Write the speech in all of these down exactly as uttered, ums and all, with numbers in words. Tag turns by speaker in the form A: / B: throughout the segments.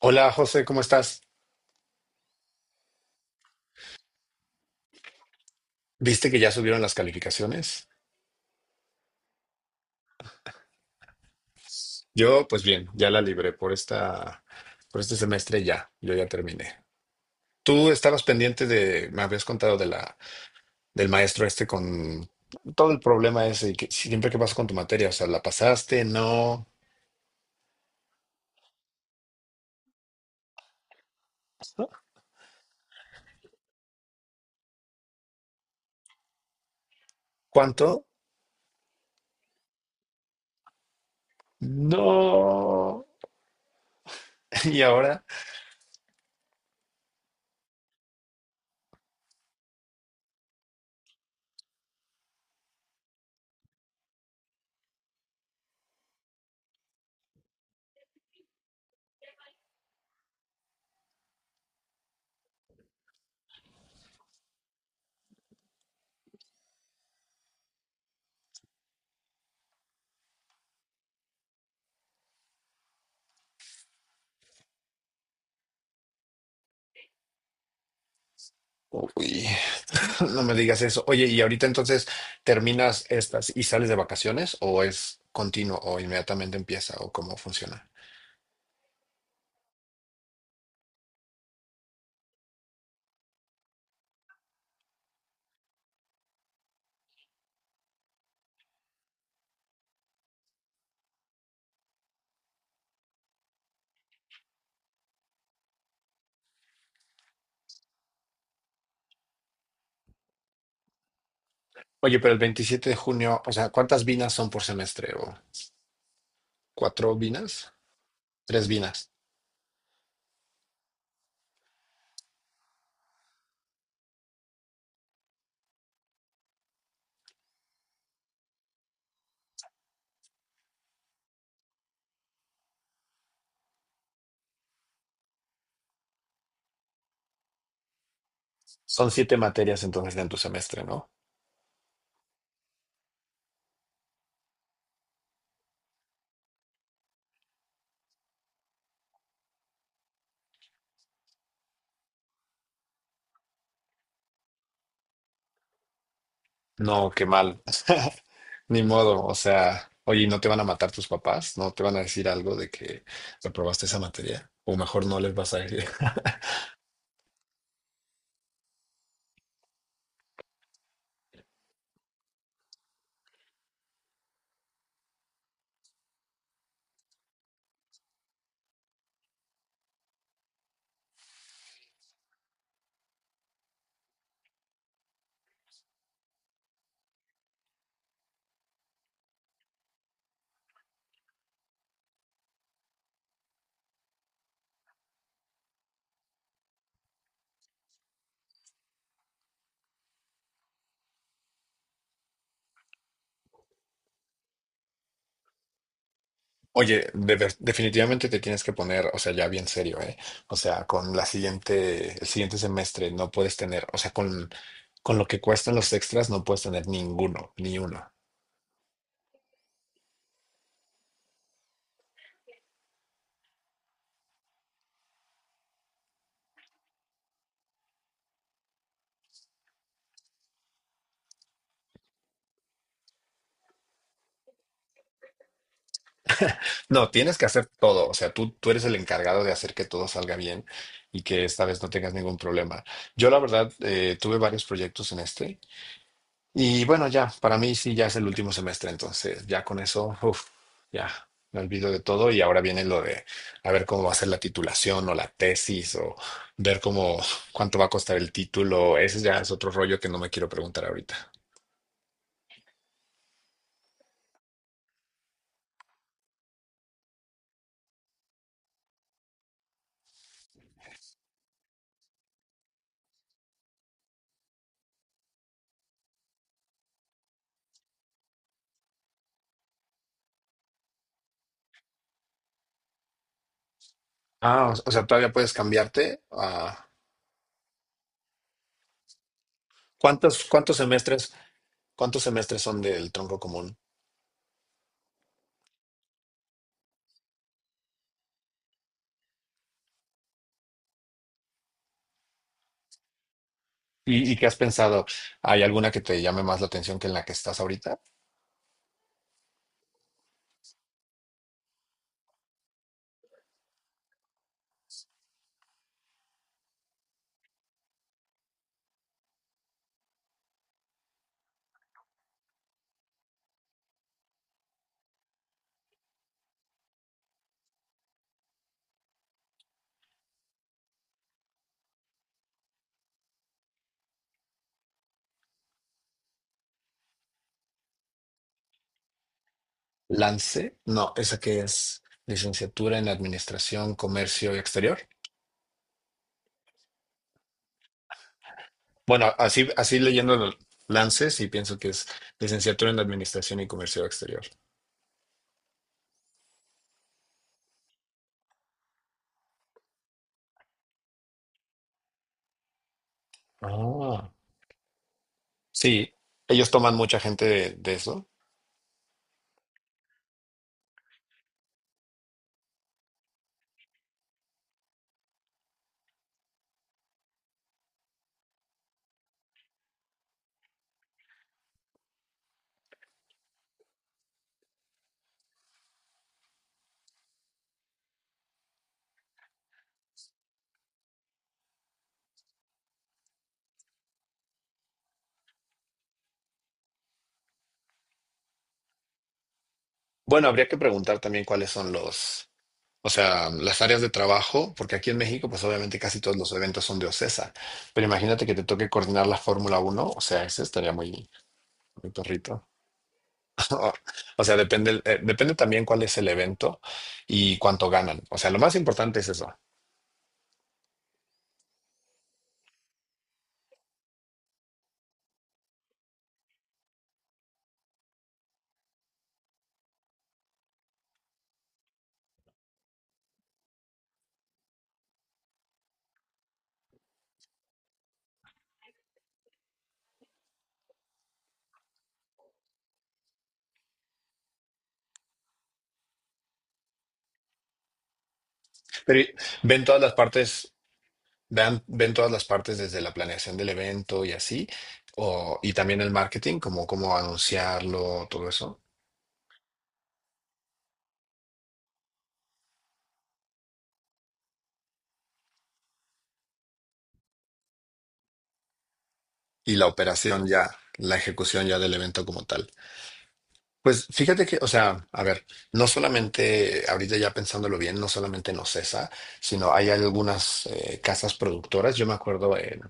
A: Hola José, ¿cómo estás? ¿Viste que ya subieron las calificaciones? Yo, pues bien, ya la libré por esta, por este semestre ya, yo ya terminé. Tú estabas pendiente de, me habías contado de la, del maestro este con todo el problema ese, y que siempre que pasa con tu materia, o sea, ¿la pasaste? No. ¿Cuánto? No. Y ahora, uy, no me digas eso. Oye, y ahorita entonces terminas estas y sales de vacaciones o es continuo o inmediatamente empieza o ¿cómo funciona? Oye, pero el veintisiete de junio, o sea, ¿cuántas vinas son por semestre? ¿O cuatro vinas? Tres vinas. Son siete materias entonces en tu semestre, ¿no? No, qué mal. Ni modo, o sea, oye, ¿y ¿no te van a matar tus papás? ¿No te van a decir algo de que reprobaste esa materia? O mejor no les vas a decir. Oye, de ver- definitivamente te tienes que poner, o sea, ya bien serio, ¿eh? O sea, con la siguiente, el siguiente semestre no puedes tener, o sea, con, con lo que cuestan los extras no puedes tener ninguno, ni uno. No, tienes que hacer todo, o sea, tú, tú eres el encargado de hacer que todo salga bien y que esta vez no tengas ningún problema. Yo la verdad eh, tuve varios proyectos en este y bueno, ya, para mí sí, ya es el último semestre, entonces ya con eso, uf, ya me olvido de todo y ahora viene lo de a ver cómo va a ser la titulación o la tesis o ver cómo cuánto va a costar el título, ese ya es otro rollo que no me quiero preguntar ahorita. Ah, o o sea, todavía puedes cambiarte a... ¿Cuántos, cuántos semestres? ¿Cuántos semestres son del tronco común? ¿Y, y qué has pensado? ¿Hay alguna que te llame más la atención que en la que estás ahorita? Lance, no, esa que es licenciatura en Administración, Comercio Exterior. Bueno, así, así leyendo lo- Lance, sí pienso que es licenciatura en Administración y Comercio Exterior. Ah, sí, ellos toman mucha gente de, de eso. Bueno, habría que preguntar también cuáles son los, o sea, las áreas de trabajo, porque aquí en México, pues obviamente casi todos los eventos son de OCESA, pero imagínate que te toque coordinar la Fórmula Uno, o sea, ese estaría muy, muy perrito. O sea, depende, el- eh, depende también cuál es el evento y cuánto ganan. O sea, lo más importante es eso. Pero y- Ven todas las partes, vean, ven todas las partes desde la planeación del evento y así, o, y también el marketing, como cómo anunciarlo, todo eso, y la operación ya, la ejecución ya del evento como tal. Pues fíjate que, o sea, a ver, no solamente, ahorita ya pensándolo bien, no solamente en OCESA, sino hay algunas eh, casas productoras. Yo me acuerdo en,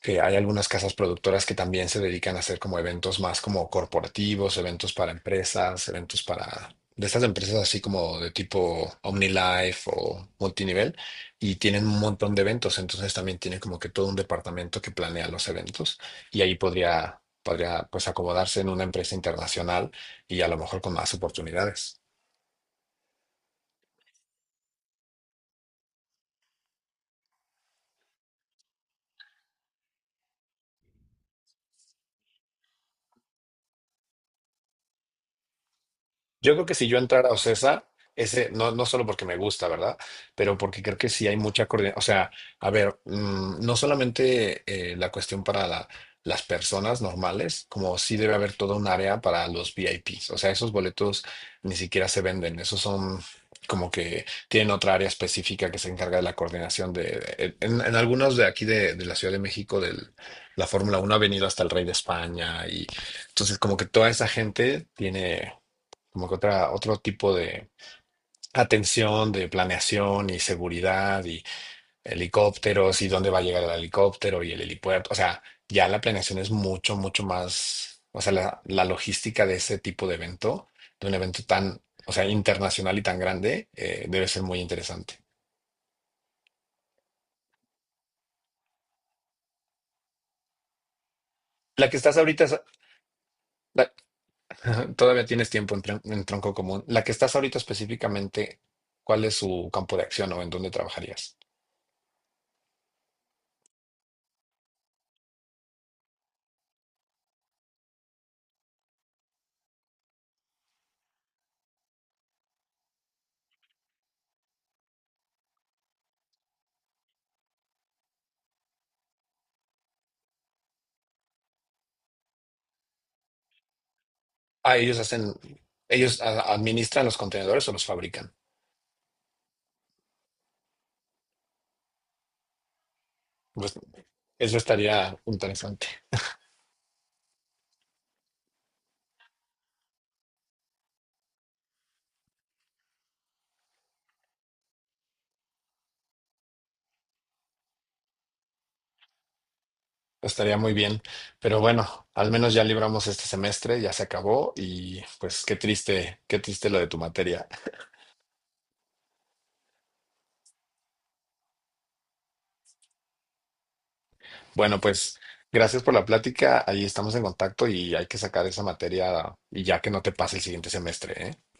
A: que hay algunas casas productoras que también se dedican a hacer como eventos más como corporativos, eventos para empresas, eventos para de estas empresas así como de tipo OmniLife o multinivel y tienen un montón de eventos, entonces también tienen como que todo un departamento que planea los eventos y ahí podría podría pues acomodarse en una empresa internacional y a lo mejor con más oportunidades. Yo creo que si yo entrara a OCESA, ese, no, no solo porque me gusta, ¿verdad? Pero porque creo que sí hay mucha coordinación. O sea, a ver, mm, no solamente eh, la cuestión para la- las personas normales, como sí debe haber toda un área para los V I Ps. O sea, esos boletos ni siquiera se venden. Esos son como que tienen otra área específica que se encarga de la coordinación de. En, en algunos de aquí de, de la Ciudad de México, del, la Fórmula Uno ha venido hasta el Rey de España y. Entonces, como que toda esa gente tiene como que otra, otro tipo de atención, de planeación y seguridad y helicópteros y dónde va a llegar el helicóptero y el helipuerto. O sea, ya la planeación es mucho, mucho más, o sea, la, la logística de ese tipo de evento, de un evento tan, o sea, internacional y tan grande, eh, debe ser muy interesante. La que estás ahorita, es- la- todavía tienes tiempo en, tron- en tronco común. La que estás ahorita específicamente, ¿cuál es su campo de acción o en dónde trabajarías? Ah, ellos hacen, ellos a- administran los contenedores o los fabrican. Pues, eso estaría interesante, estaría muy bien. Pero bueno, al menos ya libramos este semestre, ya se acabó y pues qué triste, qué triste lo de tu materia. Bueno, pues gracias por la plática, ahí estamos en contacto y hay que sacar esa materia y ya que no te pase el siguiente semestre, ¿eh?